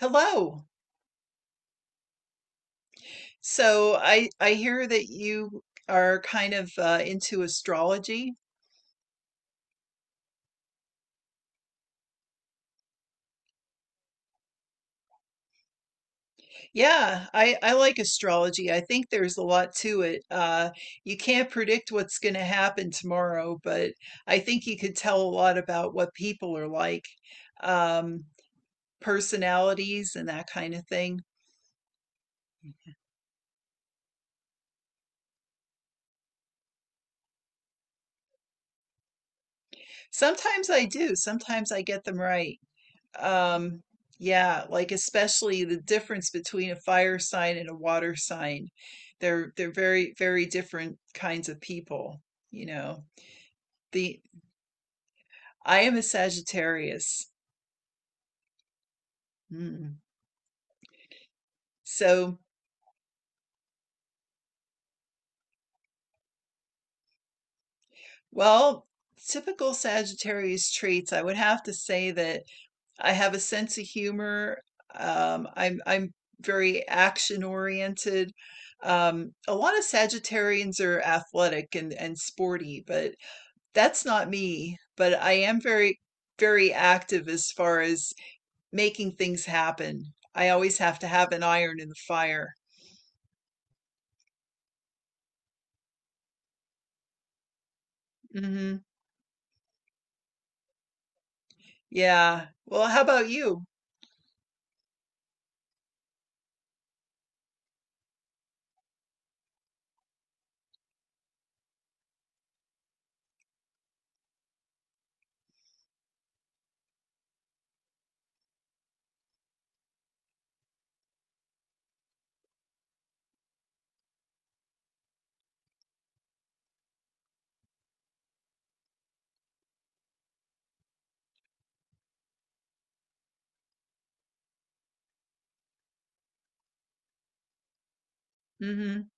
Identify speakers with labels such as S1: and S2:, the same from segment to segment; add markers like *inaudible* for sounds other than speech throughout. S1: Hello. So I hear that you are kind of into astrology. Yeah, I like astrology. I think there's a lot to it. You can't predict what's going to happen tomorrow, but I think you could tell a lot about what people are like, um, personalities and that kind of thing. Sometimes I do. Sometimes I get them right. Um, yeah, like especially the difference between a fire sign and a water sign. They're very, very different kinds of people, you know. The I am a Sagittarius. Mm. So, well, Typical Sagittarius traits, I would have to say that I have a sense of humor. I'm very action oriented. A lot of Sagittarians are athletic and sporty, but that's not me, but I am very, very active as far as making things happen. I always have to have an iron in the fire. hmm Yeah. Well, how about you? hmm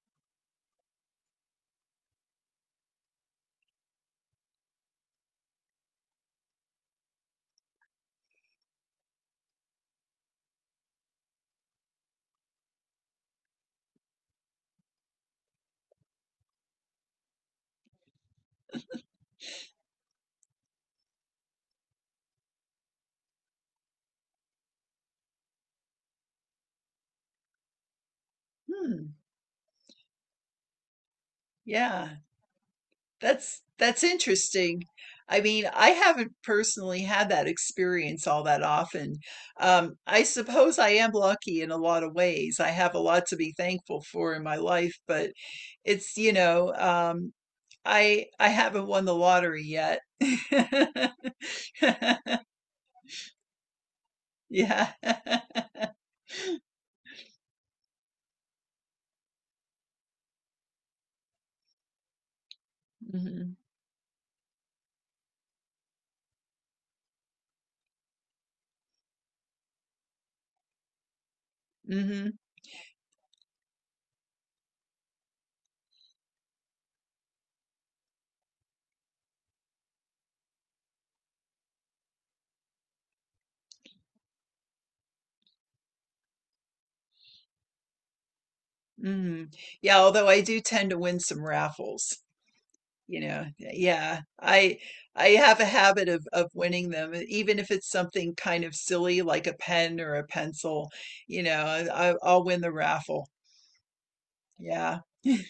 S1: Hmm. Yeah. That's interesting. I mean, I haven't personally had that experience all that often. I suppose I am lucky in a lot of ways. I have a lot to be thankful for in my life, but it's I haven't won the lottery yet. *laughs* Yeah. hmm hmm hmm Yeah, although I do tend to win some raffles, Yeah. I have a habit of winning them, even if it's something kind of silly like a pen or a pencil, you know, I'll win the raffle. Yeah. *laughs*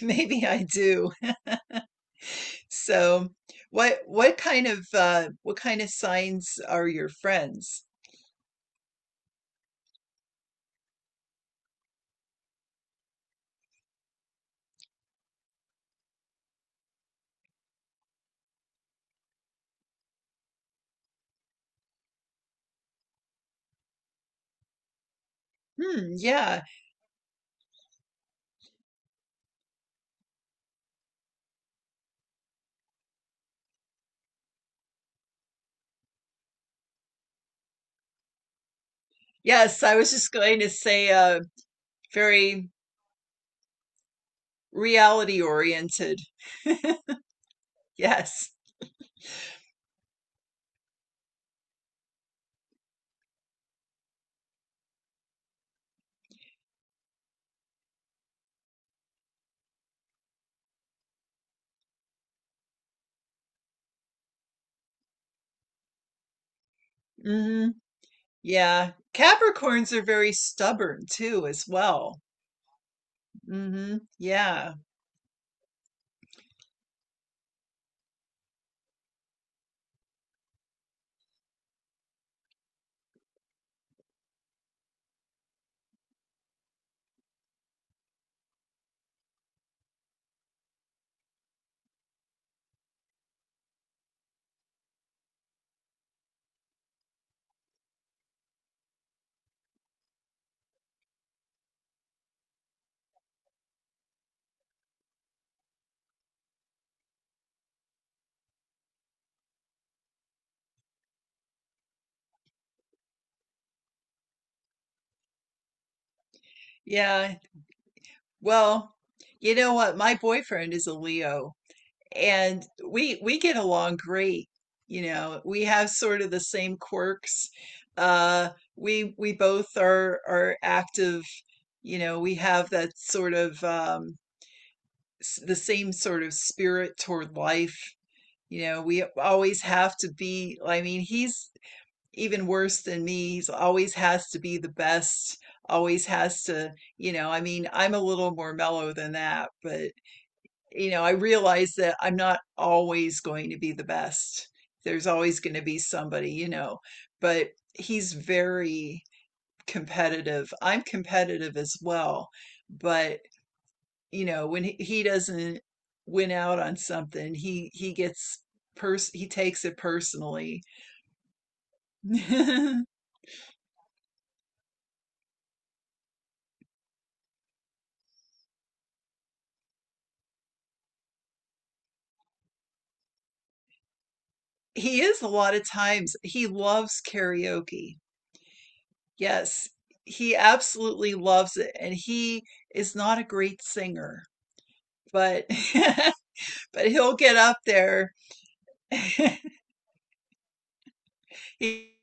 S1: Maybe I do. So, what kind of what kind of signs are your friends? Hmm, yeah. Yes, I was just going to say, very reality oriented. *laughs* Yes. hmm Yeah. Capricorns are very stubborn too, as well. Yeah. Yeah. Well, you know what? My boyfriend is a Leo and we get along great. You know, we have sort of the same quirks. Uh we both are active, you know, we have that sort of the same sort of spirit toward life. You know, we always have to be, I mean, he's even worse than me. He's always has to be the best, always has to, you know, I mean, I'm a little more mellow than that, but, you know, I realize that I'm not always going to be the best. There's always going to be somebody, you know, but he's very competitive. I'm competitive as well, but, you know, when he doesn't win out on something, he gets pers he takes it personally. *laughs* He is a lot of times he loves karaoke. Yes, he absolutely loves it, and he is not a great singer, but *laughs* but he'll get up there. *laughs* He,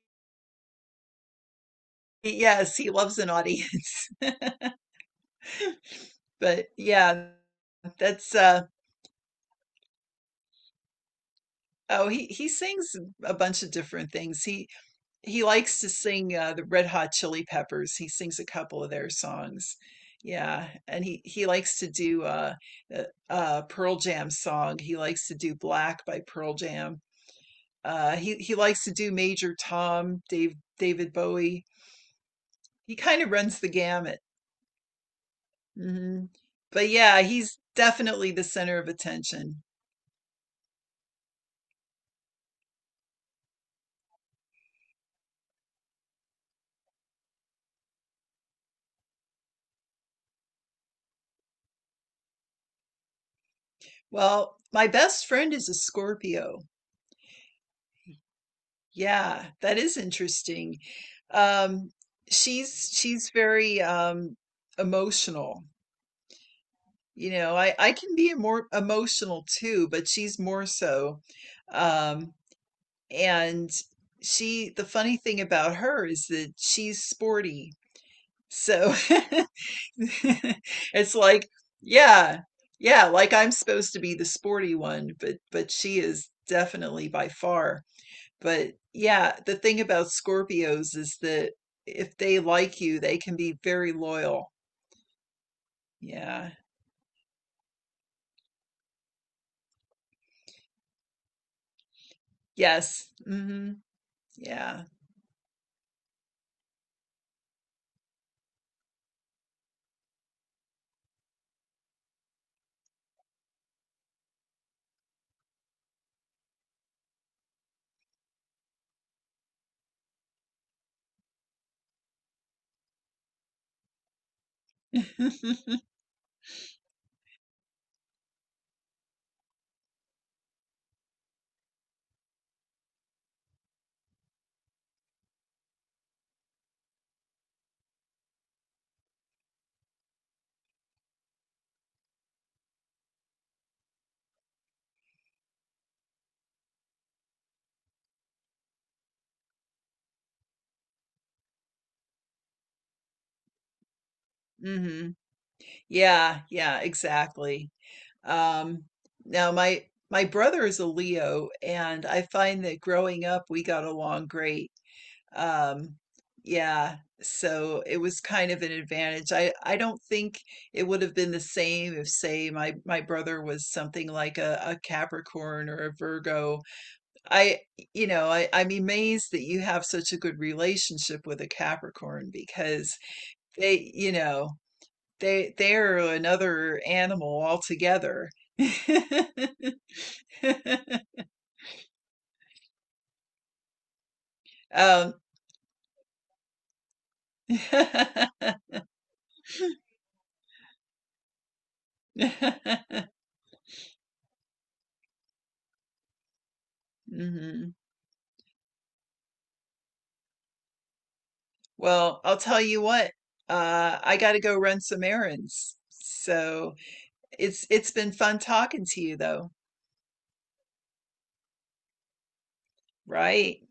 S1: yes, he loves an audience. *laughs* But yeah, that's uh oh, he sings a bunch of different things. He likes to sing, the Red Hot Chili Peppers. He sings a couple of their songs. Yeah, and he likes to do uh Pearl Jam song. He likes to do Black by Pearl Jam. He likes to do Major Tom, Dave David Bowie. He kind of runs the gamut. hmm But yeah, he's definitely the center of attention. Well, my best friend is a Scorpio. Yeah, that is interesting. Um, she's very, emotional. You know, I can be more emotional too, but she's more so. Um, and the funny thing about her is that she's sporty. So *laughs* it's like, yeah, yeah, like I'm supposed to be the sporty one, but she is definitely by far. But yeah, the thing about Scorpios is that if they like you, they can be very loyal. Yeah. Yes. Yeah. *laughs* hmm Yeah, yeah, exactly. Um, Now my brother is a Leo, and I find that growing up we got along great. Um, yeah, so it was kind of an advantage. I don't think it would have been the same if, say, my brother was something like a Capricorn or a Virgo. I, you know, I'm amazed that you have such a good relationship with a Capricorn because they, you know, they're another animal altogether. *laughs* Um, *laughs* *laughs* hmm Well, I'll tell you what, I got to go run some errands. So it's been fun talking to you though, right?